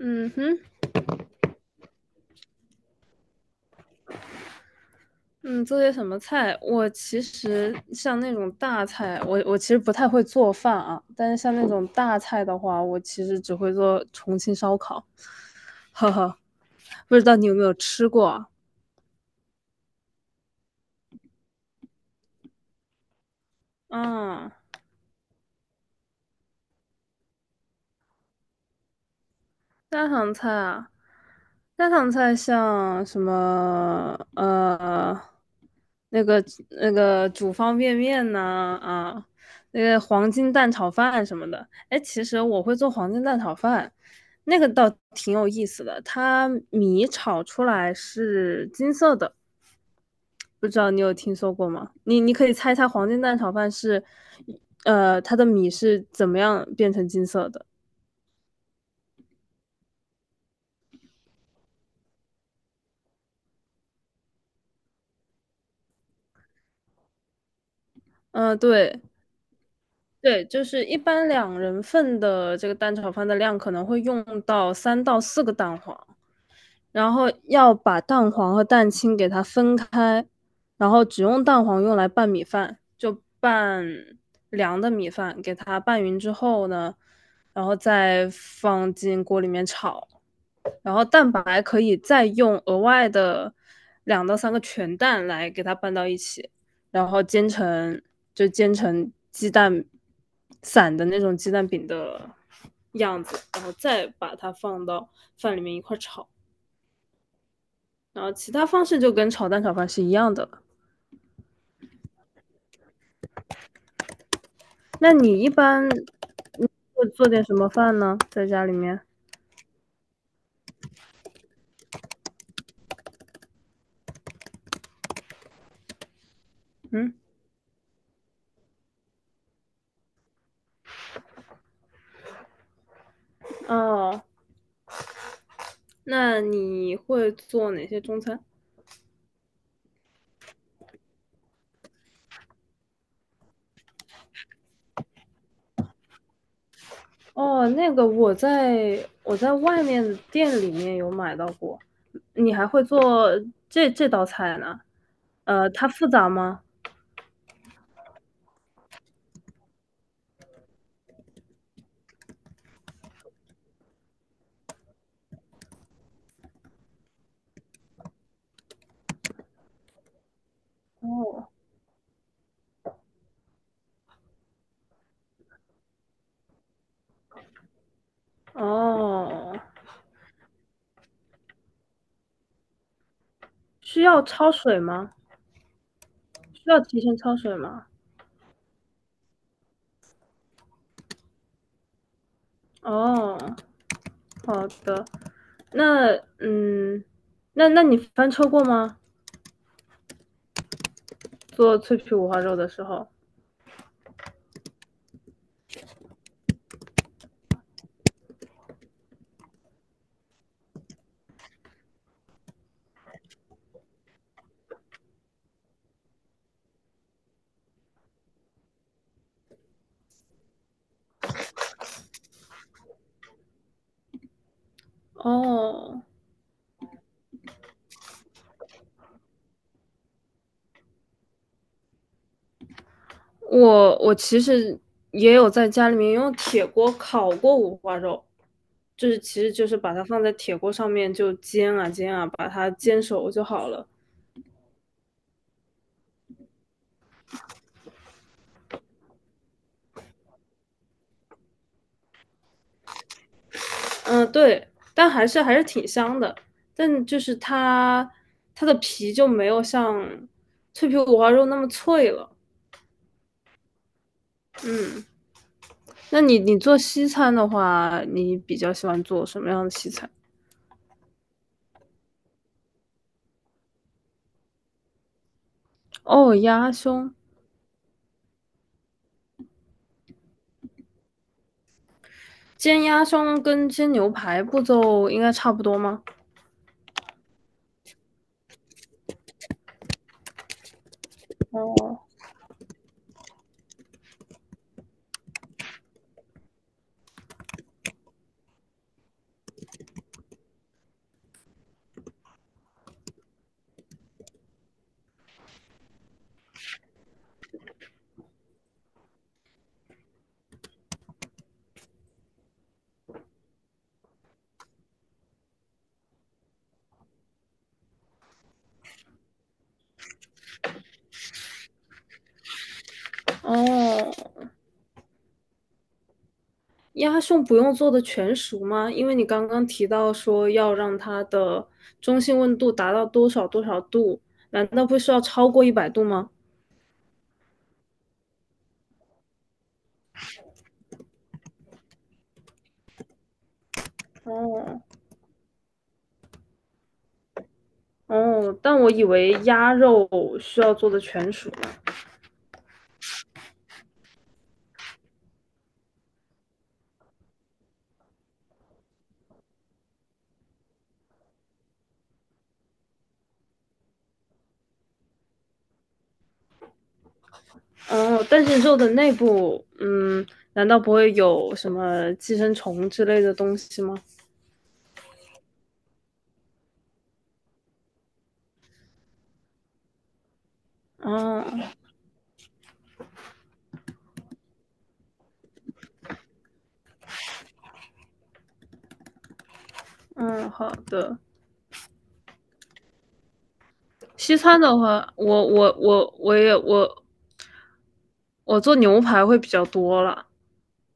嗯哼，嗯，做些什么菜？我其实像那种大菜，我其实不太会做饭啊。但是像那种大菜的话，我其实只会做重庆烧烤，呵呵，不知道你有没有吃过啊？嗯。家常菜啊，家常菜像什么那个那个煮方便面呐啊，那个黄金蛋炒饭什么的。哎，其实我会做黄金蛋炒饭，那个倒挺有意思的。它米炒出来是金色的，不知道你有听说过吗？你可以猜猜黄金蛋炒饭是，它的米是怎么样变成金色的？嗯、对。对，就是一般两人份的这个蛋炒饭的量可能会用到3到4个蛋黄，然后要把蛋黄和蛋清给它分开，然后只用蛋黄用来拌米饭，就拌凉的米饭，给它拌匀之后呢，然后再放进锅里面炒。然后蛋白可以再用额外的2到3个全蛋来给它拌到一起，然后就煎成鸡蛋散的那种鸡蛋饼的样子，然后再把它放到饭里面一块炒。然后其他方式就跟炒蛋炒饭是一样的了。那你一般会做点什么饭呢？在家里面？嗯，哦，那你会做哪些中餐？哦，那个我在外面的店里面有买到过。你还会做这道菜呢？它复杂吗？哦哦，需要焯水吗？需要提前焯水吗？哦，好的。那嗯，那你翻车过吗？做脆皮五花肉的时候？哦我其实也有在家里面用铁锅烤过五花肉，就是其实就是把它放在铁锅上面就煎啊煎啊，把它煎熟就好了。嗯，对，但还是挺香的，但就是它的皮就没有像脆皮五花肉那么脆了。嗯，那你做西餐的话，你比较喜欢做什么样的西餐？哦，鸭胸，煎鸭胸跟煎牛排步骤应该差不多吗？哦。哦，鸭胸不用做的全熟吗？因为你刚刚提到说要让它的中性温度达到多少多少度，难道不需要超过100度吗？哦哦，但我以为鸭肉需要做的全熟呢。哦，但是肉的内部，难道不会有什么寄生虫之类的东西吗？哦，嗯，好的。西餐的话，我也做牛排会比较多了。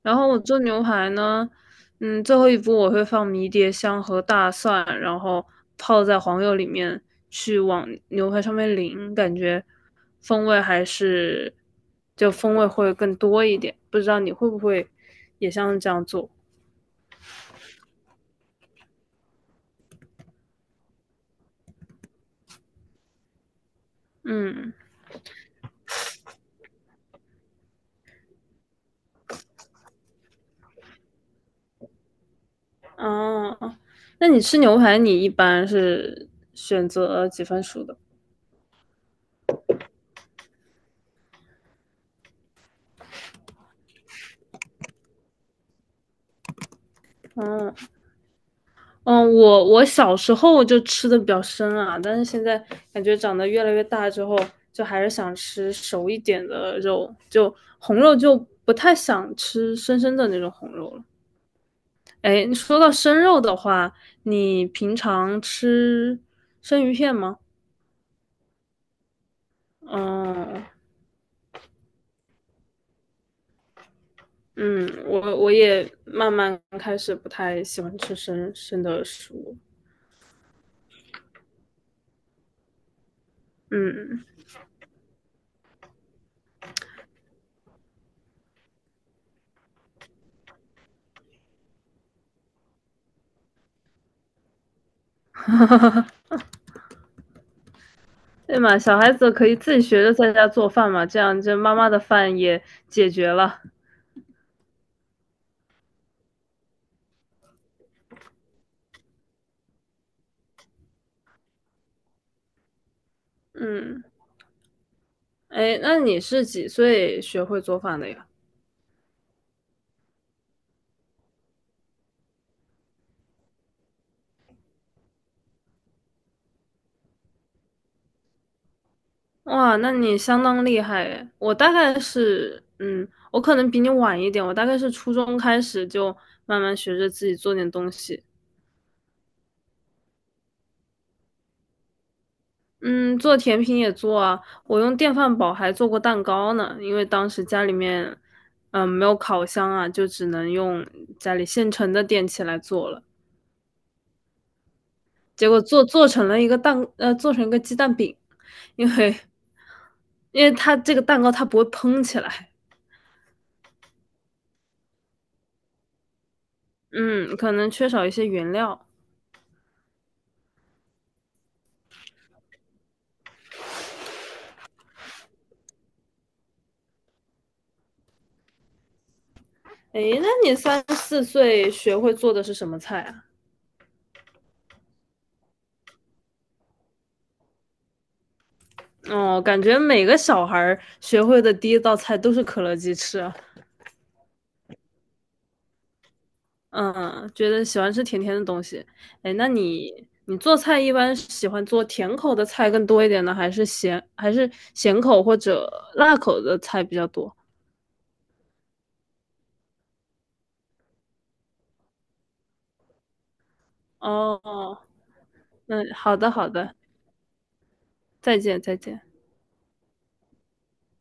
然后我做牛排呢，最后一步我会放迷迭香和大蒜，然后泡在黄油里面去往牛排上面淋，感觉风味还是就风味会更多一点。不知道你会不会也像这样做？嗯，哦，那你吃牛排你一般是选择几分熟的？哦。嗯，我小时候就吃的比较生啊，但是现在感觉长得越来越大之后，就还是想吃熟一点的肉，就红肉就不太想吃生生的那种红肉了。哎，说到生肉的话，你平常吃生鱼片吗？嗯嗯，我也慢慢开始不太喜欢吃生生的食物。嗯。对嘛，小孩子可以自己学着在家做饭嘛，这样就妈妈的饭也解决了。嗯，哎，那你是几岁学会做饭的呀？哇，那你相当厉害诶！我大概是，我可能比你晚一点，我大概是初中开始就慢慢学着自己做点东西。嗯，做甜品也做啊，我用电饭煲还做过蛋糕呢，因为当时家里面，没有烤箱啊，就只能用家里现成的电器来做了。结果做成了一个蛋，做成一个鸡蛋饼，因为因为它这个蛋糕它不会蓬起来，嗯，可能缺少一些原料。哎，那你三四岁学会做的是什么菜啊？哦，感觉每个小孩学会的第一道菜都是可乐鸡翅啊。嗯，觉得喜欢吃甜甜的东西。哎，那你做菜一般喜欢做甜口的菜更多一点呢，还是咸口或者辣口的菜比较多？哦，嗯，好的，好的，再见，再见。